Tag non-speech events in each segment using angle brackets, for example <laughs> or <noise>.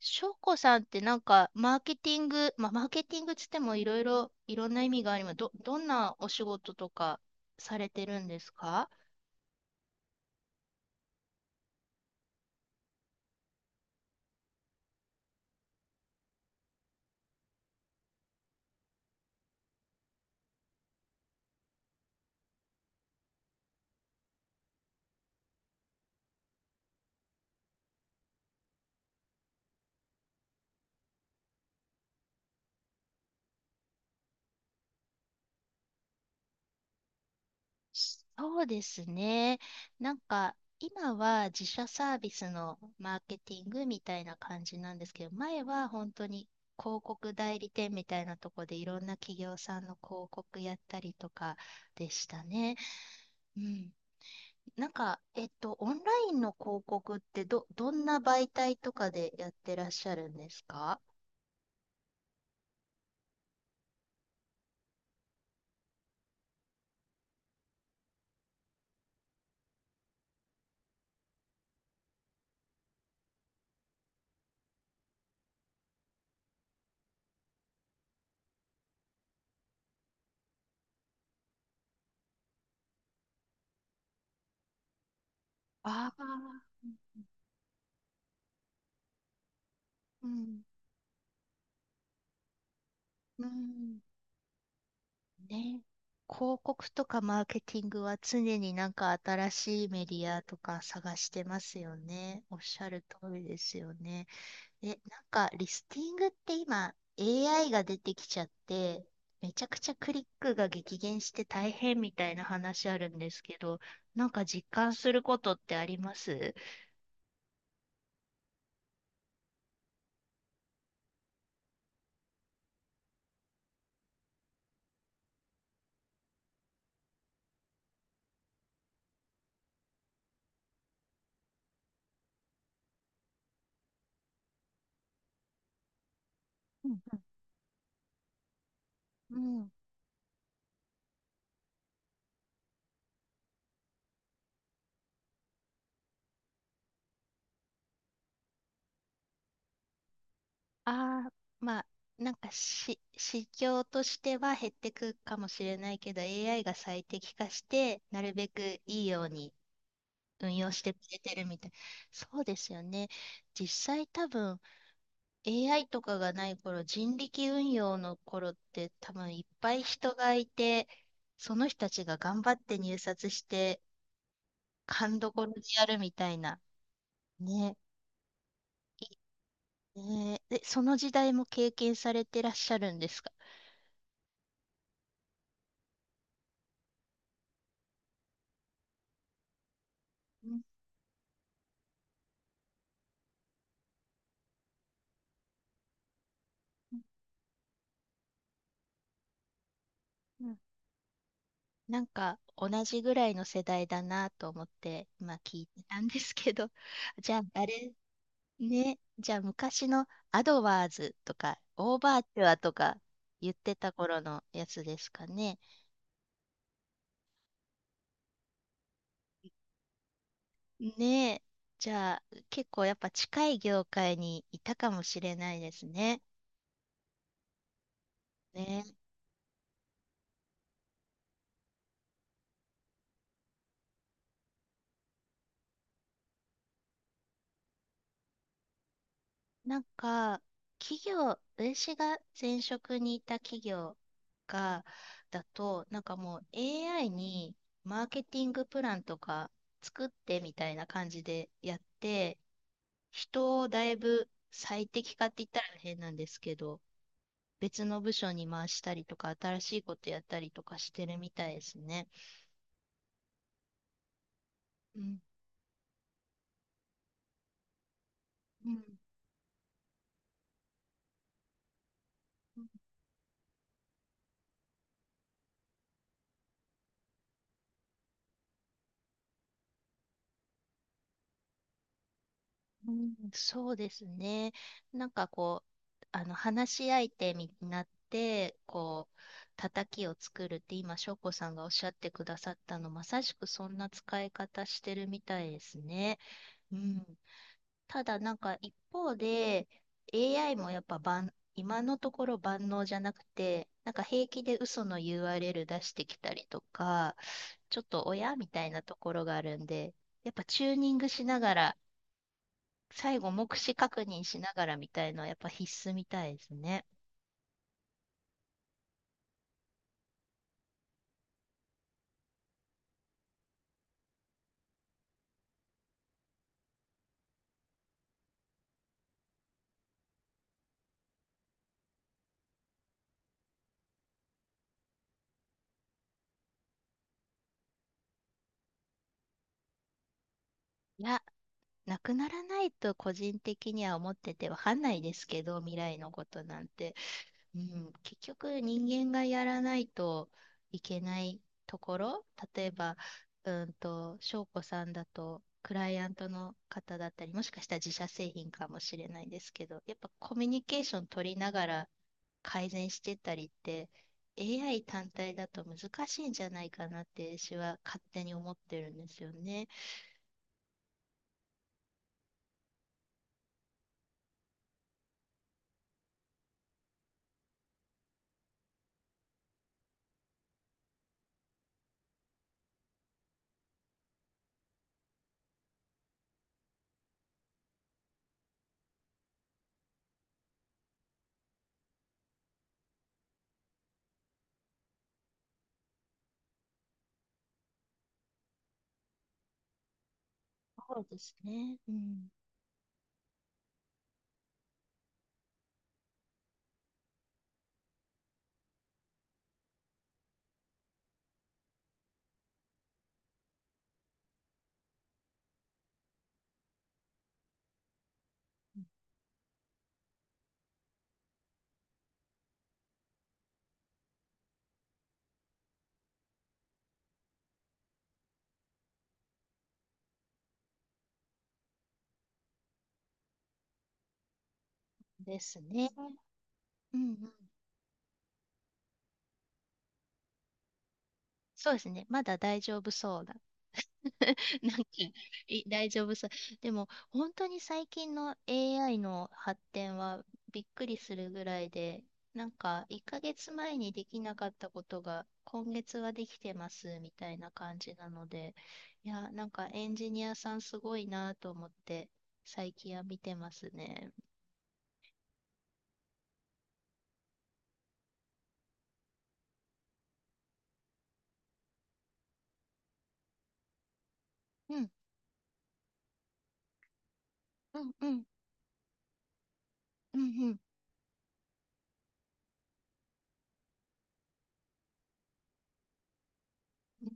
翔子さんってなんか、マーケティング、まあ、マーケティングつってもいろいろ、いろんな意味があります。どんなお仕事とかされてるんですか？そうですね。なんか、今は自社サービスのマーケティングみたいな感じなんですけど、前は本当に広告代理店みたいなとこでいろんな企業さんの広告やったりとかでしたね。うん。なんか、オンラインの広告ってどんな媒体とかでやってらっしゃるんですか？ああー、うん、うん、ね。広告とかマーケティングは常になんか新しいメディアとか探してますよね。おっしゃる通りですよね。え、なんか、リスティングって今、AI が出てきちゃって、めちゃくちゃクリックが激減して大変みたいな話あるんですけど、なんか実感することってあります？うんうん。ああ、まあ、なんか市況としては減ってくかもしれないけど、AI が最適化して、なるべくいいように運用してくれてるみたい。そうですよね。実際多分、AI とかがない頃、人力運用の頃って多分いっぱい人がいて、その人たちが頑張って入札して、勘どころでやるみたいな。ね。ねえ、で、その時代も経験されてらっしゃるんですか？うんうんうん。なんか同じぐらいの世代だなと思って今聞いてたんですけど、<laughs> じゃああれね、じゃあ昔のアドワーズとかオーバーチュアとか言ってた頃のやつですかね。ねえ。じゃあ、結構やっぱ近い業界にいたかもしれないですね。ね。なんか、企業、私が前職にいた企業が、だと、なんかもう AI にマーケティングプランとか作ってみたいな感じでやって、人をだいぶ最適化って言ったら変なんですけど、別の部署に回したりとか、新しいことやったりとかしてるみたいですね。うん。うんうん、そうですね。なんかこう、話し相手になって、こう、叩きを作るって今、翔子さんがおっしゃってくださったの、まさしくそんな使い方してるみたいですね。うん。ただ、なんか一方で、AI もやっぱ今のところ万能じゃなくて、なんか平気で嘘の URL 出してきたりとか、ちょっと親みたいなところがあるんで、やっぱチューニングしながら最後、目視確認しながらみたいのはやっぱ必須みたいですね。いや、なくならないと個人的には思っててわかんないですけど、未来のことなんて。うん、結局人間がやらないといけないところ、例えば、翔子さんだと、クライアントの方だったり、もしかしたら自社製品かもしれないですけど、やっぱコミュニケーション取りながら改善してったりって AI 単体だと難しいんじゃないかなって私は勝手に思ってるんですよね。そうですね。うん。ですね。うんうん。そうですね。まだ大丈夫そうな。 <laughs> なんか、大丈夫そう。でも、本当に最近の AI の発展はびっくりするぐらいで、なんか、1ヶ月前にできなかったことが、今月はできてますみたいな感じなので、いや、なんかエンジニアさんすごいなと思って、最近は見てますね。うん、うん、うん、うん、うん。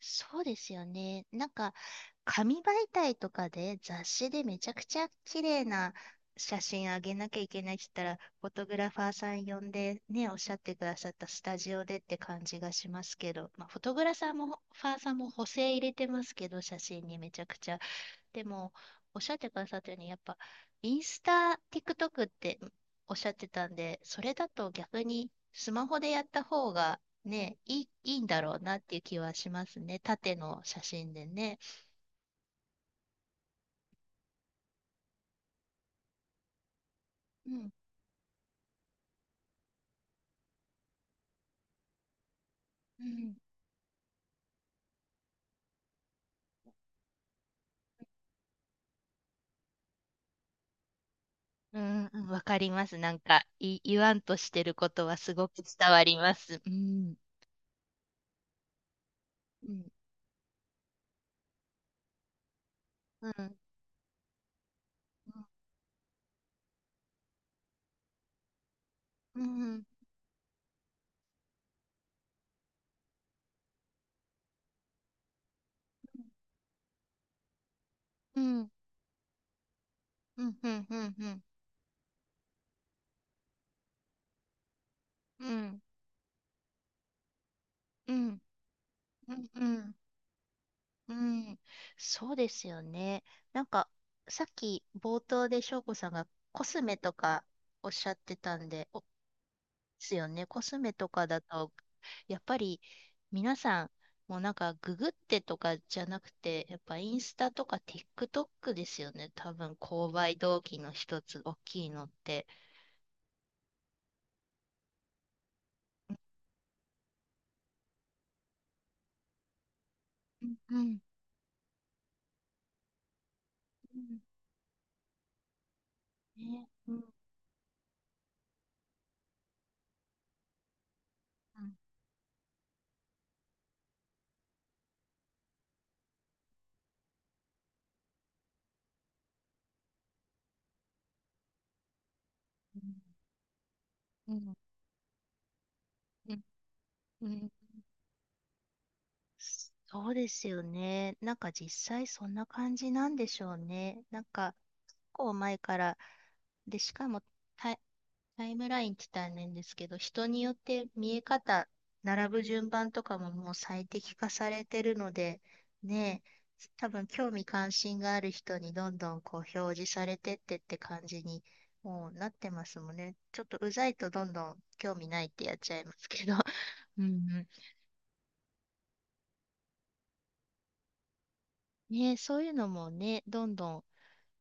そうですよね。なんか、紙媒体とかで雑誌でめちゃくちゃ綺麗な写真あげなきゃいけないって言ったら、フォトグラファーさん呼んでね、おっしゃってくださったスタジオでって感じがしますけど、まあ、フォトグラファーも、ファーさんも補正入れてますけど、写真にめちゃくちゃ。でも、おっしゃってくださったように、やっぱ、インスタ、TikTok っておっしゃってたんで、それだと逆にスマホでやった方がね、いいんだろうなっていう気はしますね。縦の写真でね。うんうん、うんうんわかります。なんか、言わんとしてることはすごく伝わります。うん。うん。うん。うん。うん。うん。うん。うん。うん。うん。うん。うん。うん。そうですよね。なんか、さっき冒頭で翔子さんがコスメとかおっしゃってたんで、すよね。コスメとかだと、やっぱり皆さん、もうなんかググってとかじゃなくて、やっぱインスタとか TikTok ですよね。多分購買動機の一つ、大きいのって。うんうんうんねうんうんうんうんうん。そうですよね。なんか実際そんな感じなんでしょうね。なんか、結構前から、で、しかも、たタイムラインって大変ですけど、人によって見え方、並ぶ順番とかももう最適化されてるので、ねえ、多分興味関心がある人にどんどんこう表示されてってって感じにもうなってますもんね。ちょっとうざいとどんどん興味ないってやっちゃいますけど。<laughs> うんうん。ねえ、そういうのもね、どんどん、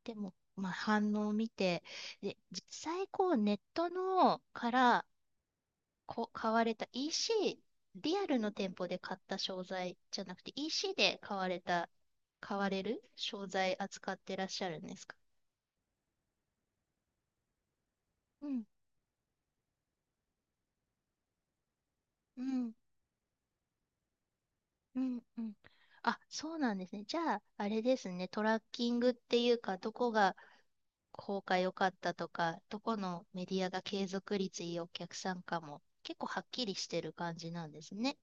でも、まあ、反応を見て、で、実際こうネットのから、買われた EC、リアルの店舗で買った商材じゃなくて EC で買われた、買われる商材扱ってらっしゃるんですか？うん、うん、うん、うん。あ、そうなんですね。じゃあ、あれですね、トラッキングっていうか、どこが効果良かったとか、どこのメディアが継続率いいお客さんかも、結構はっきりしてる感じなんですね。